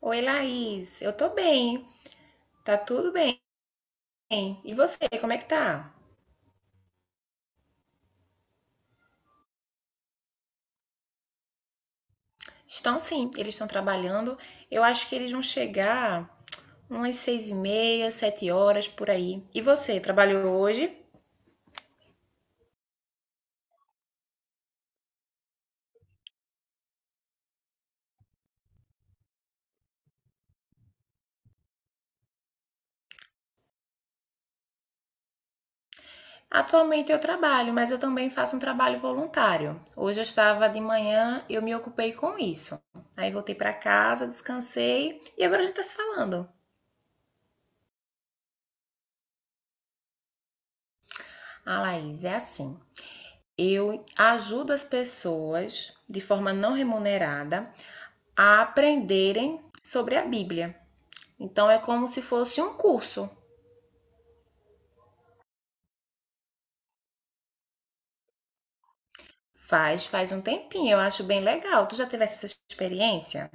Oi, Laís. Eu tô bem, tá tudo bem. E você, como é que tá? Estão sim, eles estão trabalhando. Eu acho que eles vão chegar umas seis e meia, sete horas por aí. E você, trabalhou hoje? Atualmente eu trabalho, mas eu também faço um trabalho voluntário. Hoje eu estava de manhã, eu me ocupei com isso. Aí voltei para casa, descansei e agora a gente está se falando. Ah, Laís, é assim. Eu ajudo as pessoas de forma não remunerada a aprenderem sobre a Bíblia. Então é como se fosse um curso. Faz um tempinho, eu acho bem legal. Tu já tivesse essa experiência?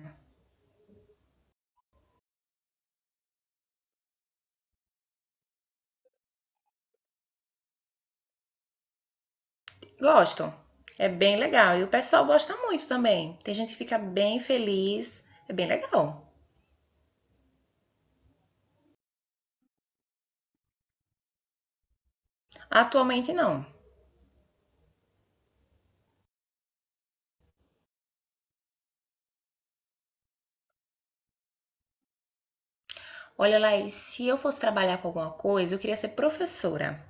Gostam. É bem legal. E o pessoal gosta muito também. Tem gente que fica bem feliz. É bem legal. Atualmente não. Olha, Laís, se eu fosse trabalhar com alguma coisa, eu queria ser professora.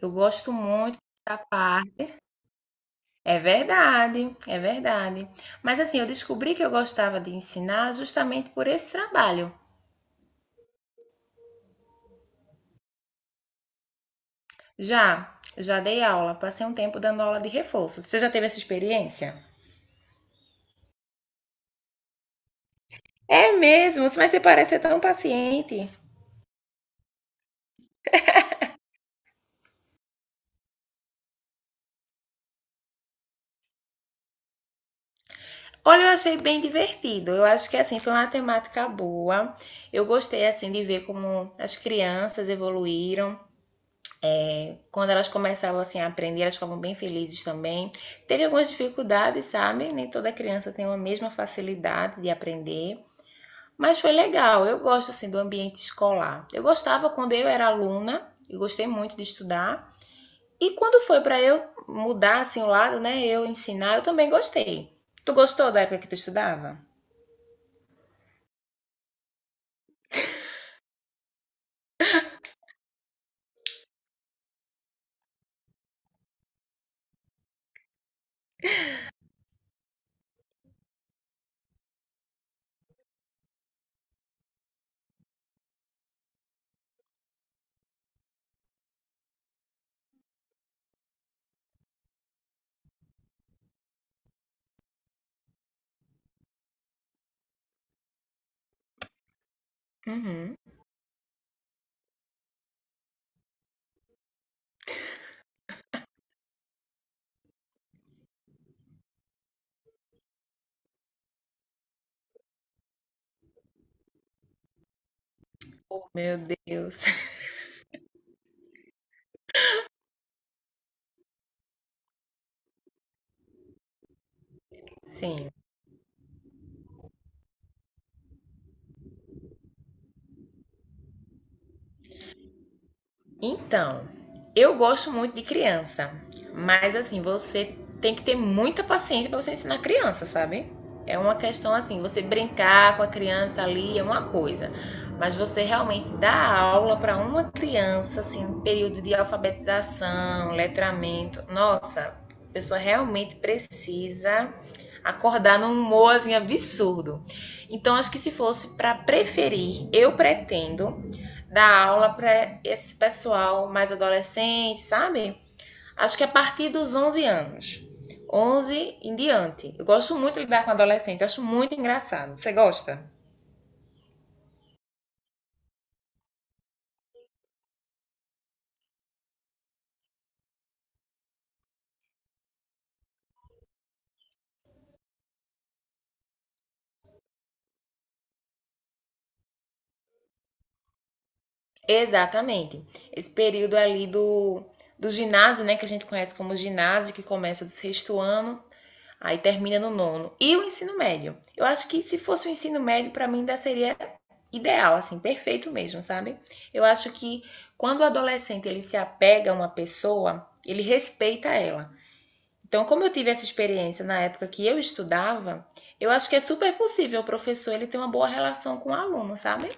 Eu gosto muito dessa parte. É verdade, é verdade. Mas assim, eu descobri que eu gostava de ensinar justamente por esse trabalho. Já dei aula, passei um tempo dando aula de reforço. Você já teve essa experiência? É mesmo, mas você parece ser tão paciente. Olha, eu achei bem divertido. Eu acho que assim foi uma temática boa. Eu gostei assim de ver como as crianças evoluíram. Quando elas começavam assim a aprender, elas ficavam bem felizes também. Teve algumas dificuldades, sabe? Nem toda criança tem a mesma facilidade de aprender, mas foi legal. Eu gosto assim do ambiente escolar. Eu gostava quando eu era aluna, eu gostei muito de estudar. E quando foi para eu mudar assim o lado, né? Eu ensinar, eu também gostei. Tu gostou da época que tu estudava? Uhum. Oh, meu Deus. Sim. Então, eu gosto muito de criança, mas assim, você tem que ter muita paciência para você ensinar criança, sabe? É uma questão assim, você brincar com a criança ali é uma coisa, mas você realmente dar aula para uma criança assim, no período de alfabetização, letramento, nossa, a pessoa realmente precisa acordar num humor assim, absurdo. Então, acho que se fosse para preferir, eu pretendo dar aula para esse pessoal mais adolescente, sabe? Acho que é a partir dos 11 anos. Onze em diante. Eu gosto muito de lidar com adolescente, acho muito engraçado. Você gosta? Exatamente. Esse período ali do ginásio, né, que a gente conhece como ginásio, que começa do sexto ano, aí termina no nono. E o ensino médio. Eu acho que se fosse o ensino médio, para mim ainda seria ideal, assim, perfeito mesmo, sabe? Eu acho que quando o adolescente ele se apega a uma pessoa, ele respeita ela. Então, como eu tive essa experiência na época que eu estudava, eu acho que é super possível o professor ele ter uma boa relação com o aluno, sabe?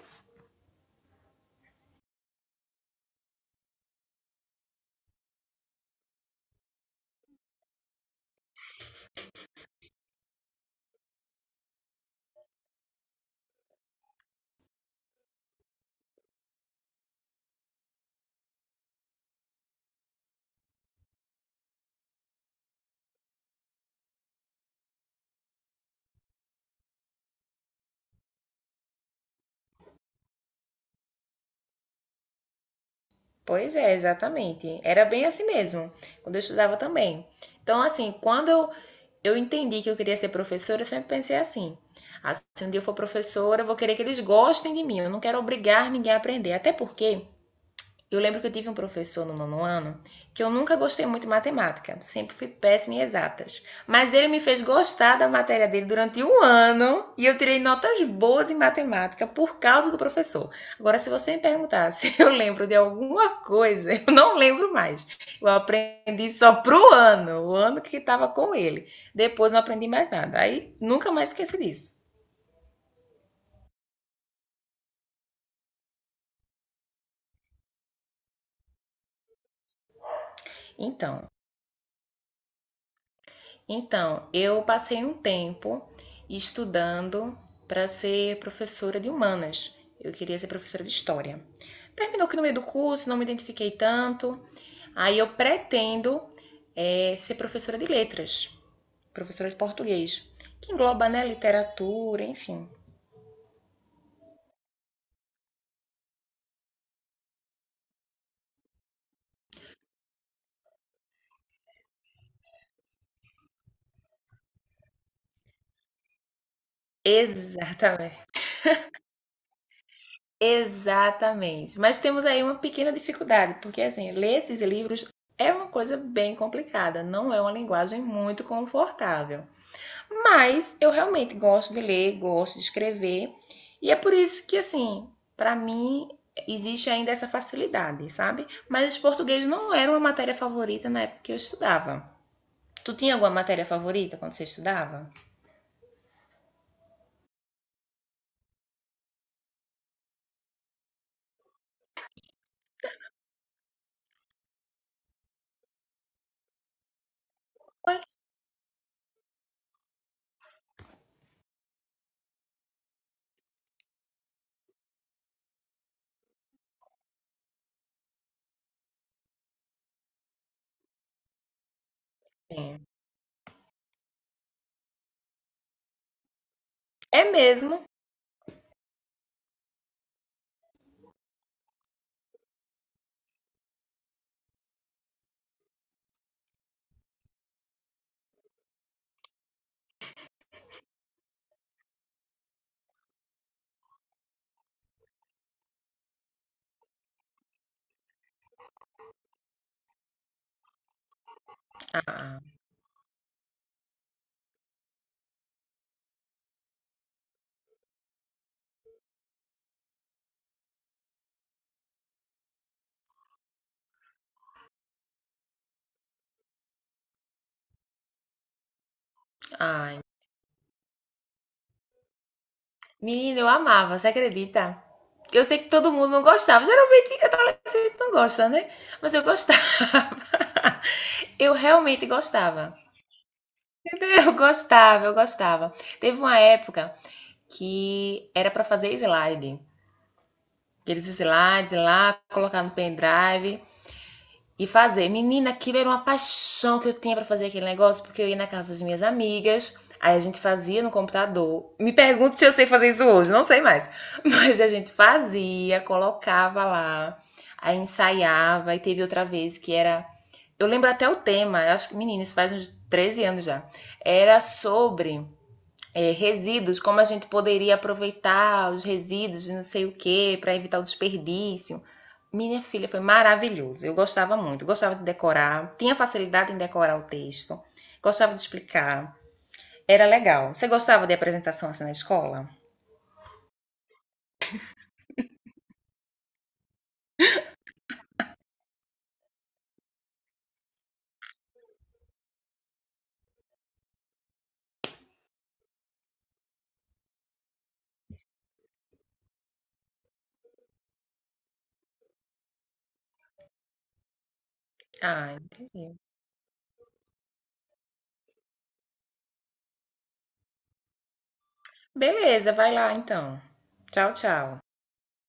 Pois é, exatamente. Era bem assim mesmo, quando eu estudava também. Então, assim, quando eu entendi que eu queria ser professora, eu sempre pensei assim: ah, se um dia eu for professora, eu vou querer que eles gostem de mim. Eu não quero obrigar ninguém a aprender. Até porque eu lembro que eu tive um professor no nono ano que eu nunca gostei muito de matemática, sempre fui péssima em exatas. Mas ele me fez gostar da matéria dele durante um ano e eu tirei notas boas em matemática por causa do professor. Agora, se você me perguntar se eu lembro de alguma coisa, eu não lembro mais. Eu aprendi só pro ano, o ano que estava com ele. Depois não aprendi mais nada. Aí nunca mais esqueci disso. Então, Então, eu passei um tempo estudando para ser professora de humanas. Eu queria ser professora de história. Terminou que no meio do curso não me identifiquei tanto. Aí eu pretendo ser professora de letras, professora de português, que engloba, né, literatura, enfim. Exatamente. Exatamente. Mas temos aí uma pequena dificuldade, porque assim, ler esses livros é uma coisa bem complicada, não é uma linguagem muito confortável. Mas eu realmente gosto de ler, gosto de escrever, e é por isso que, assim, para mim existe ainda essa facilidade, sabe? Mas português não era uma matéria favorita na época que eu estudava. Tu tinha alguma matéria favorita quando você estudava? Oi. É, é mesmo? Ah, ai. Menina, eu amava, você acredita? Eu sei que todo mundo não gostava. Geralmente adolescente não gosta, né? Mas eu gostava. Eu realmente gostava. Eu gostava, eu gostava. Teve uma época que era para fazer slide. Aqueles slides lá, colocar no pendrive e fazer. Menina, aquilo era uma paixão que eu tinha para fazer aquele negócio, porque eu ia na casa das minhas amigas, aí a gente fazia no computador. Me pergunto se eu sei fazer isso hoje, não sei mais. Mas a gente fazia, colocava lá, aí ensaiava, e teve outra vez que era. Eu lembro até o tema, eu acho que, menina, isso faz uns 13 anos já. Era sobre resíduos, como a gente poderia aproveitar os resíduos de não sei o que para evitar o desperdício. Minha filha foi maravilhoso. Eu gostava muito, gostava de decorar, tinha facilidade em decorar o texto, gostava de explicar. Era legal. Você gostava de apresentação assim na escola? Ah, beleza, vai lá então. Tchau, tchau.